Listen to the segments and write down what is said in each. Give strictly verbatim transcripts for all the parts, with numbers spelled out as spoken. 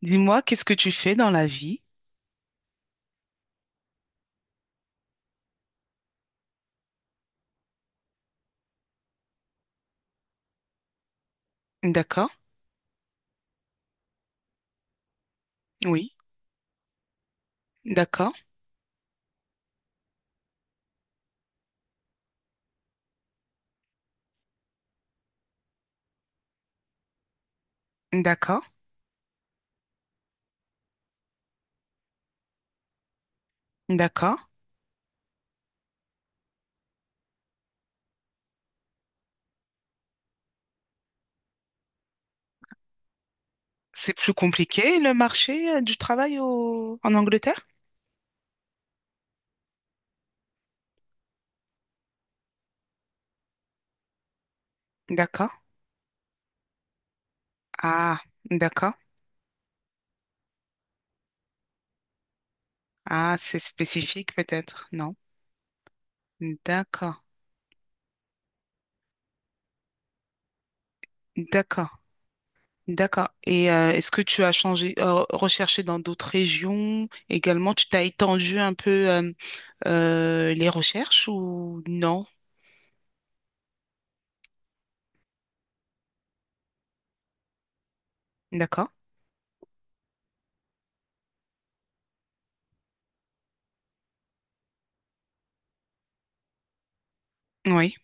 Dis-moi, qu'est-ce que tu fais dans la vie? D'accord, oui, d'accord, d'accord, d'accord. C'est plus compliqué le marché euh, du travail au... en Angleterre? D'accord. Ah, d'accord. Ah, c'est spécifique peut-être, non? D'accord, d'accord, d'accord. Et euh, est-ce que tu as changé, euh, recherché dans d'autres régions également? Tu t'as étendu un peu euh, euh, les recherches ou non? D'accord, oui,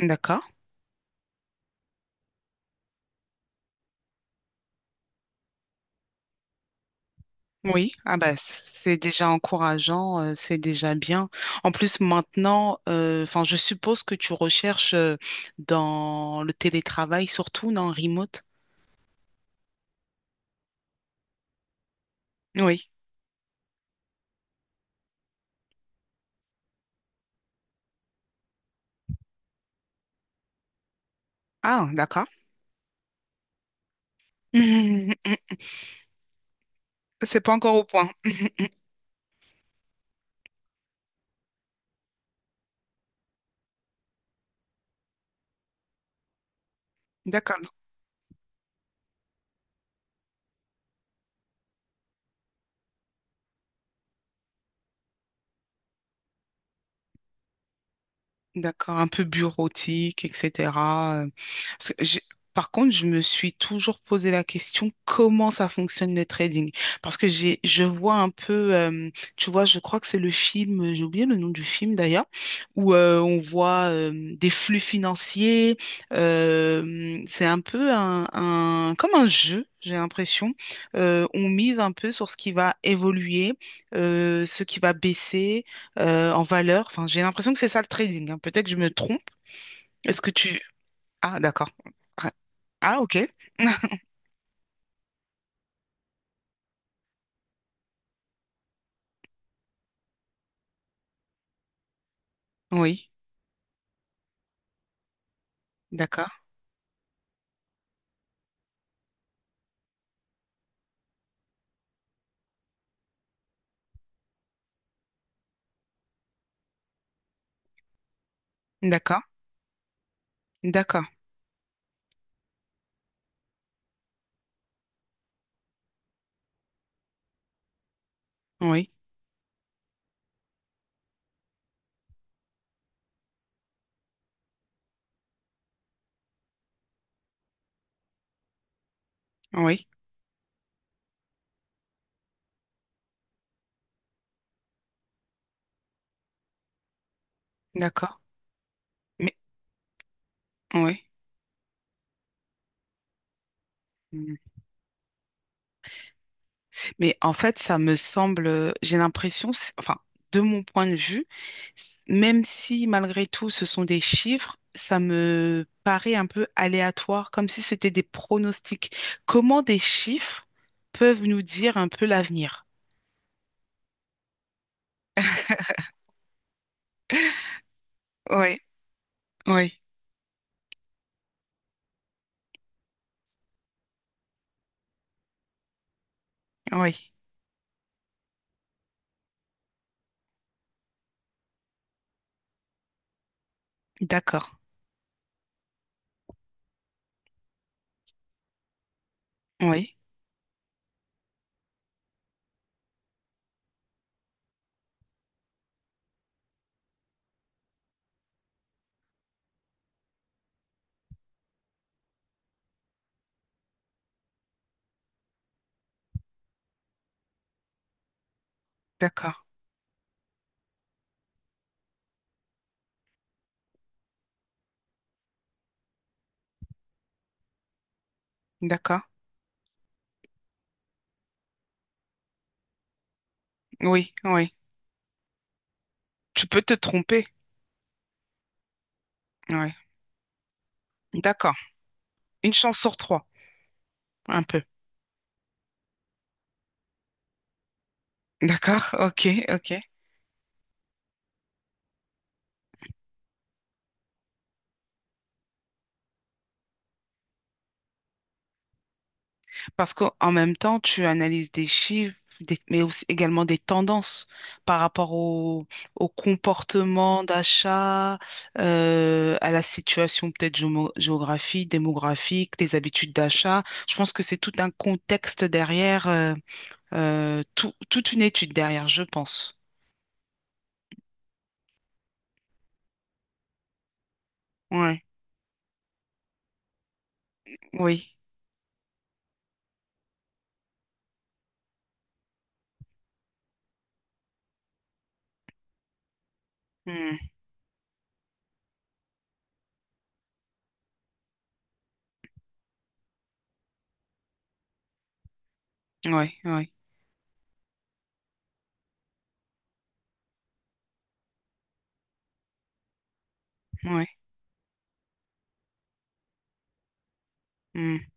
d'accord. Oui, ah bah, c- c'est déjà encourageant, euh, c'est déjà bien. En plus, maintenant, euh, enfin, je suppose que tu recherches euh, dans le télétravail, surtout dans remote. Oui. Ah, d'accord. C'est pas encore au point. D'accord. D'accord, un peu bureautique, et cetera euh, parce que j'ai- Par contre, je me suis toujours posé la question comment ça fonctionne le trading? Parce que j'ai, je vois un peu, euh, tu vois, je crois que c'est le film, j'ai oublié le nom du film d'ailleurs, où euh, on voit euh, des flux financiers. euh, c'est un peu un, un- comme un jeu, j'ai l'impression. Euh, on mise un peu sur ce qui va évoluer, euh, ce qui va baisser euh, en valeur. Enfin, j'ai l'impression que c'est ça le trading, hein. Peut-être que je me trompe. Est-ce que tu... Ah, d'accord. Ah, ah, ok. Oui, d'accord. D'accord. D'accord. Oui. Oui. D'accord. Mais, oui. Mm. Mais en fait, ça me semble, j'ai l'impression, c'est- enfin, de mon point de vue, s- même si malgré tout ce sont des chiffres, ça me paraît un peu aléatoire, comme si c'était des pronostics. Comment des chiffres peuvent nous dire un peu l'avenir? Oui, oui. Oui, d'accord. Oui, d'accord. D'accord. Oui, oui. Tu peux te tromper. Oui, d'accord. Une chance sur trois, un peu. D'accord, ok, ok. Parce qu'en même temps, tu analyses des chiffres, des- mais aussi également des tendances par rapport au, au comportement d'achat, euh, à la situation peut-être géomo- géographique, démographique, les habitudes d'achat. Je pense que c'est tout un contexte derrière, euh, euh, tout- toute une étude derrière, je pense. Ouais, oui, hmm. Ouais, ouais, ouais. Hmm.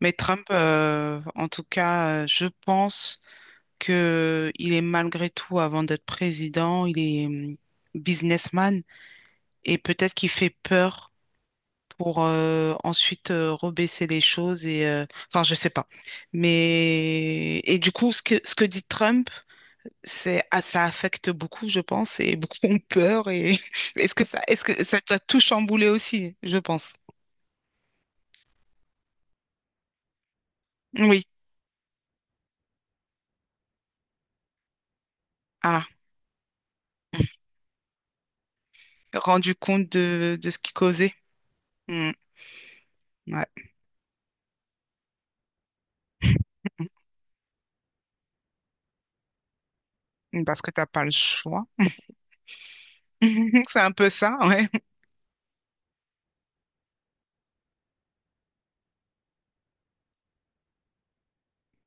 Mais Trump, euh, en tout cas, euh, je pense que il est malgré tout, avant d'être président, il est hum, businessman et peut-être qu'il fait peur pour euh, ensuite euh, rebaisser les choses et, euh, enfin, je sais pas. Mais et du coup, ce que ce que dit Trump, c'est ah, ça affecte beaucoup, je pense, et beaucoup ont peur. Et est-ce que ça, est-ce que ça t'a tout chamboulé aussi, je pense. Oui. Ah. Rendu compte de, de ce qui causait. Mm, ouais. Parce que t'as pas le choix. C'est un peu ça, ouais.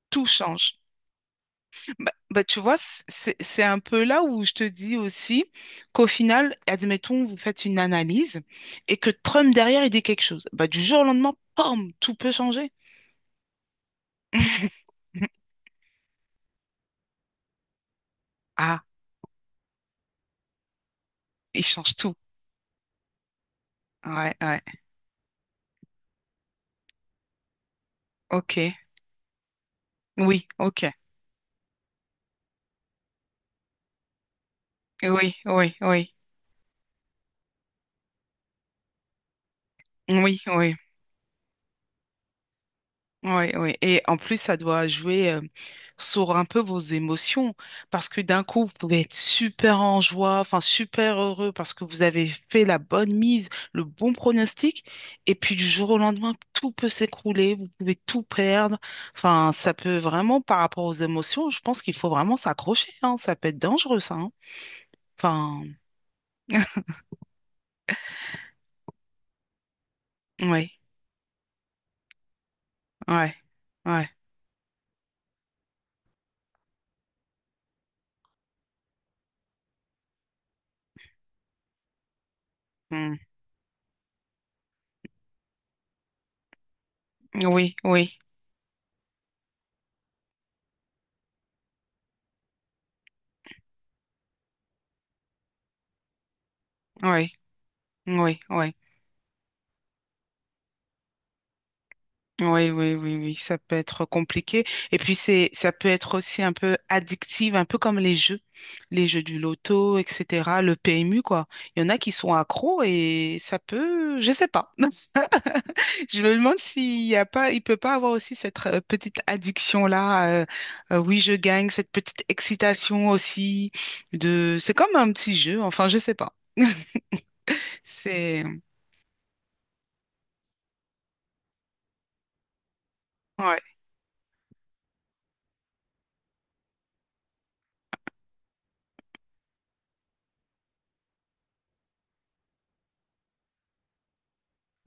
Tout change. Bah, bah, tu vois, c- c'est c'est un peu là où je te dis aussi qu'au final, admettons, vous faites une analyse et que Trump derrière, il dit quelque chose. Bah, du jour au lendemain, pom, tout peut changer. Ah, il change tout. Ouais, ouais. Ok. Oui, ok. Oui, oui, oui. Oui, oui. Oui, oui. Et en plus, ça doit jouer euh, sur un peu vos émotions. Parce que d'un coup, vous pouvez être super en joie, enfin super heureux parce que vous avez fait la bonne mise, le bon pronostic. Et puis du jour au lendemain, tout peut s'écrouler, vous pouvez tout perdre. Enfin, ça peut vraiment, par rapport aux émotions, je pense qu'il faut vraiment s'accrocher, hein. Ça peut être dangereux, ça, hein. Enfin, oui, ouais, ouais. Ouais. Mm. Oui, oui, oui, oui, oui. Oui, oui, oui, oui, ça peut être compliqué. Et puis c'est, ça peut être aussi un peu addictive, un peu comme les jeux, les jeux du loto, et cetera. Le P M U, quoi. Il y en a qui sont accros et ça peut, je sais pas. Je me demande s'il y a pas, il peut pas avoir aussi cette euh, petite addiction-là. euh, euh, oui, je gagne, cette petite excitation aussi de, c'est comme un petit jeu. Enfin, je sais pas. C'est, ouais,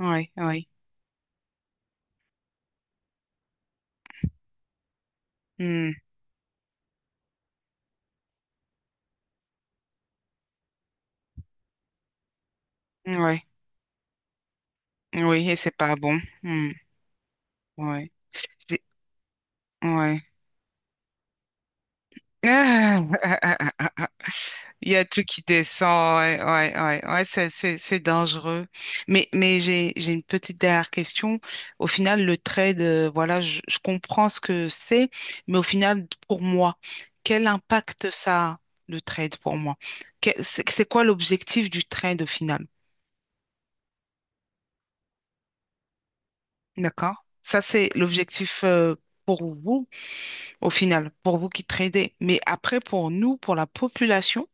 ouais, ouais, hmm, ouais, oui, et c'est pas bon. Hmm, ouais. Ouais. Il y a tout qui descend, ouais, ouais, ouais, ouais, c'est, c'est, c'est dangereux. Mais, mais j'ai, j'ai une petite dernière question. Au final, le trade, euh, voilà, je, je comprends ce que c'est, mais au final, pour moi, quel impact ça a, le trade, pour moi? Que- C'est c'est quoi l'objectif du trade, au final? D'accord? Ça, c'est l'objectif, euh, pour vous, au final, pour vous qui tradez. Mais après, pour nous, pour la population,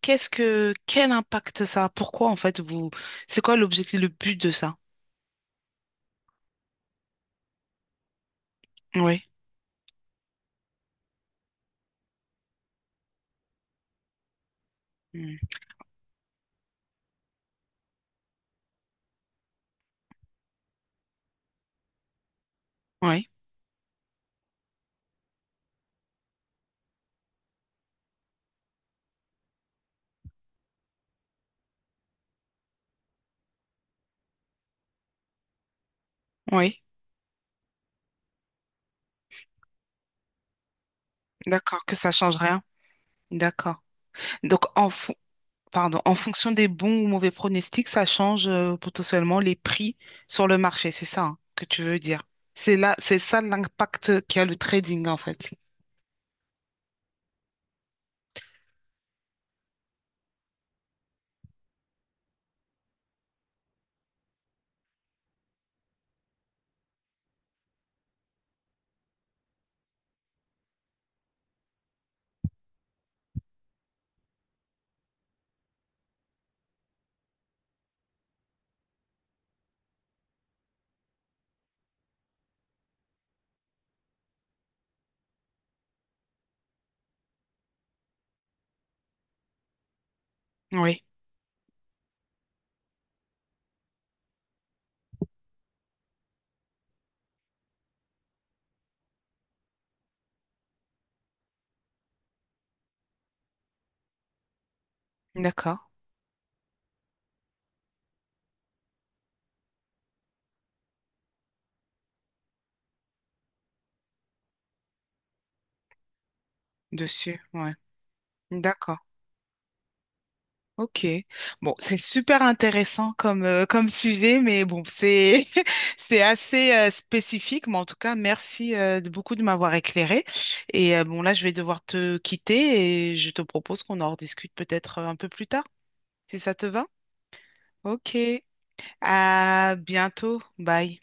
Qu'est-ce que quel impact ça a? Pourquoi en fait vous c'est quoi l'objectif, le but de ça? Oui. Mm. Oui, oui. D'accord, que ça change rien. D'accord. Donc en, fon- pardon, en fonction des bons ou mauvais pronostics, ça change euh, potentiellement les prix sur le marché, c'est ça hein, que tu veux dire. C'est là, c'est ça l'impact qu'a le trading en fait. Oui, d'accord, dessus, ouais, d'accord. Ok, bon, c'est super intéressant comme, euh, comme sujet, mais bon, c'est c'est assez euh, spécifique, mais en tout cas, merci euh, de beaucoup de m'avoir éclairé. Et euh, bon, là, je vais devoir te quitter et je te propose qu'on en rediscute peut-être euh, un peu plus tard, si ça te va. Ok, à bientôt, bye.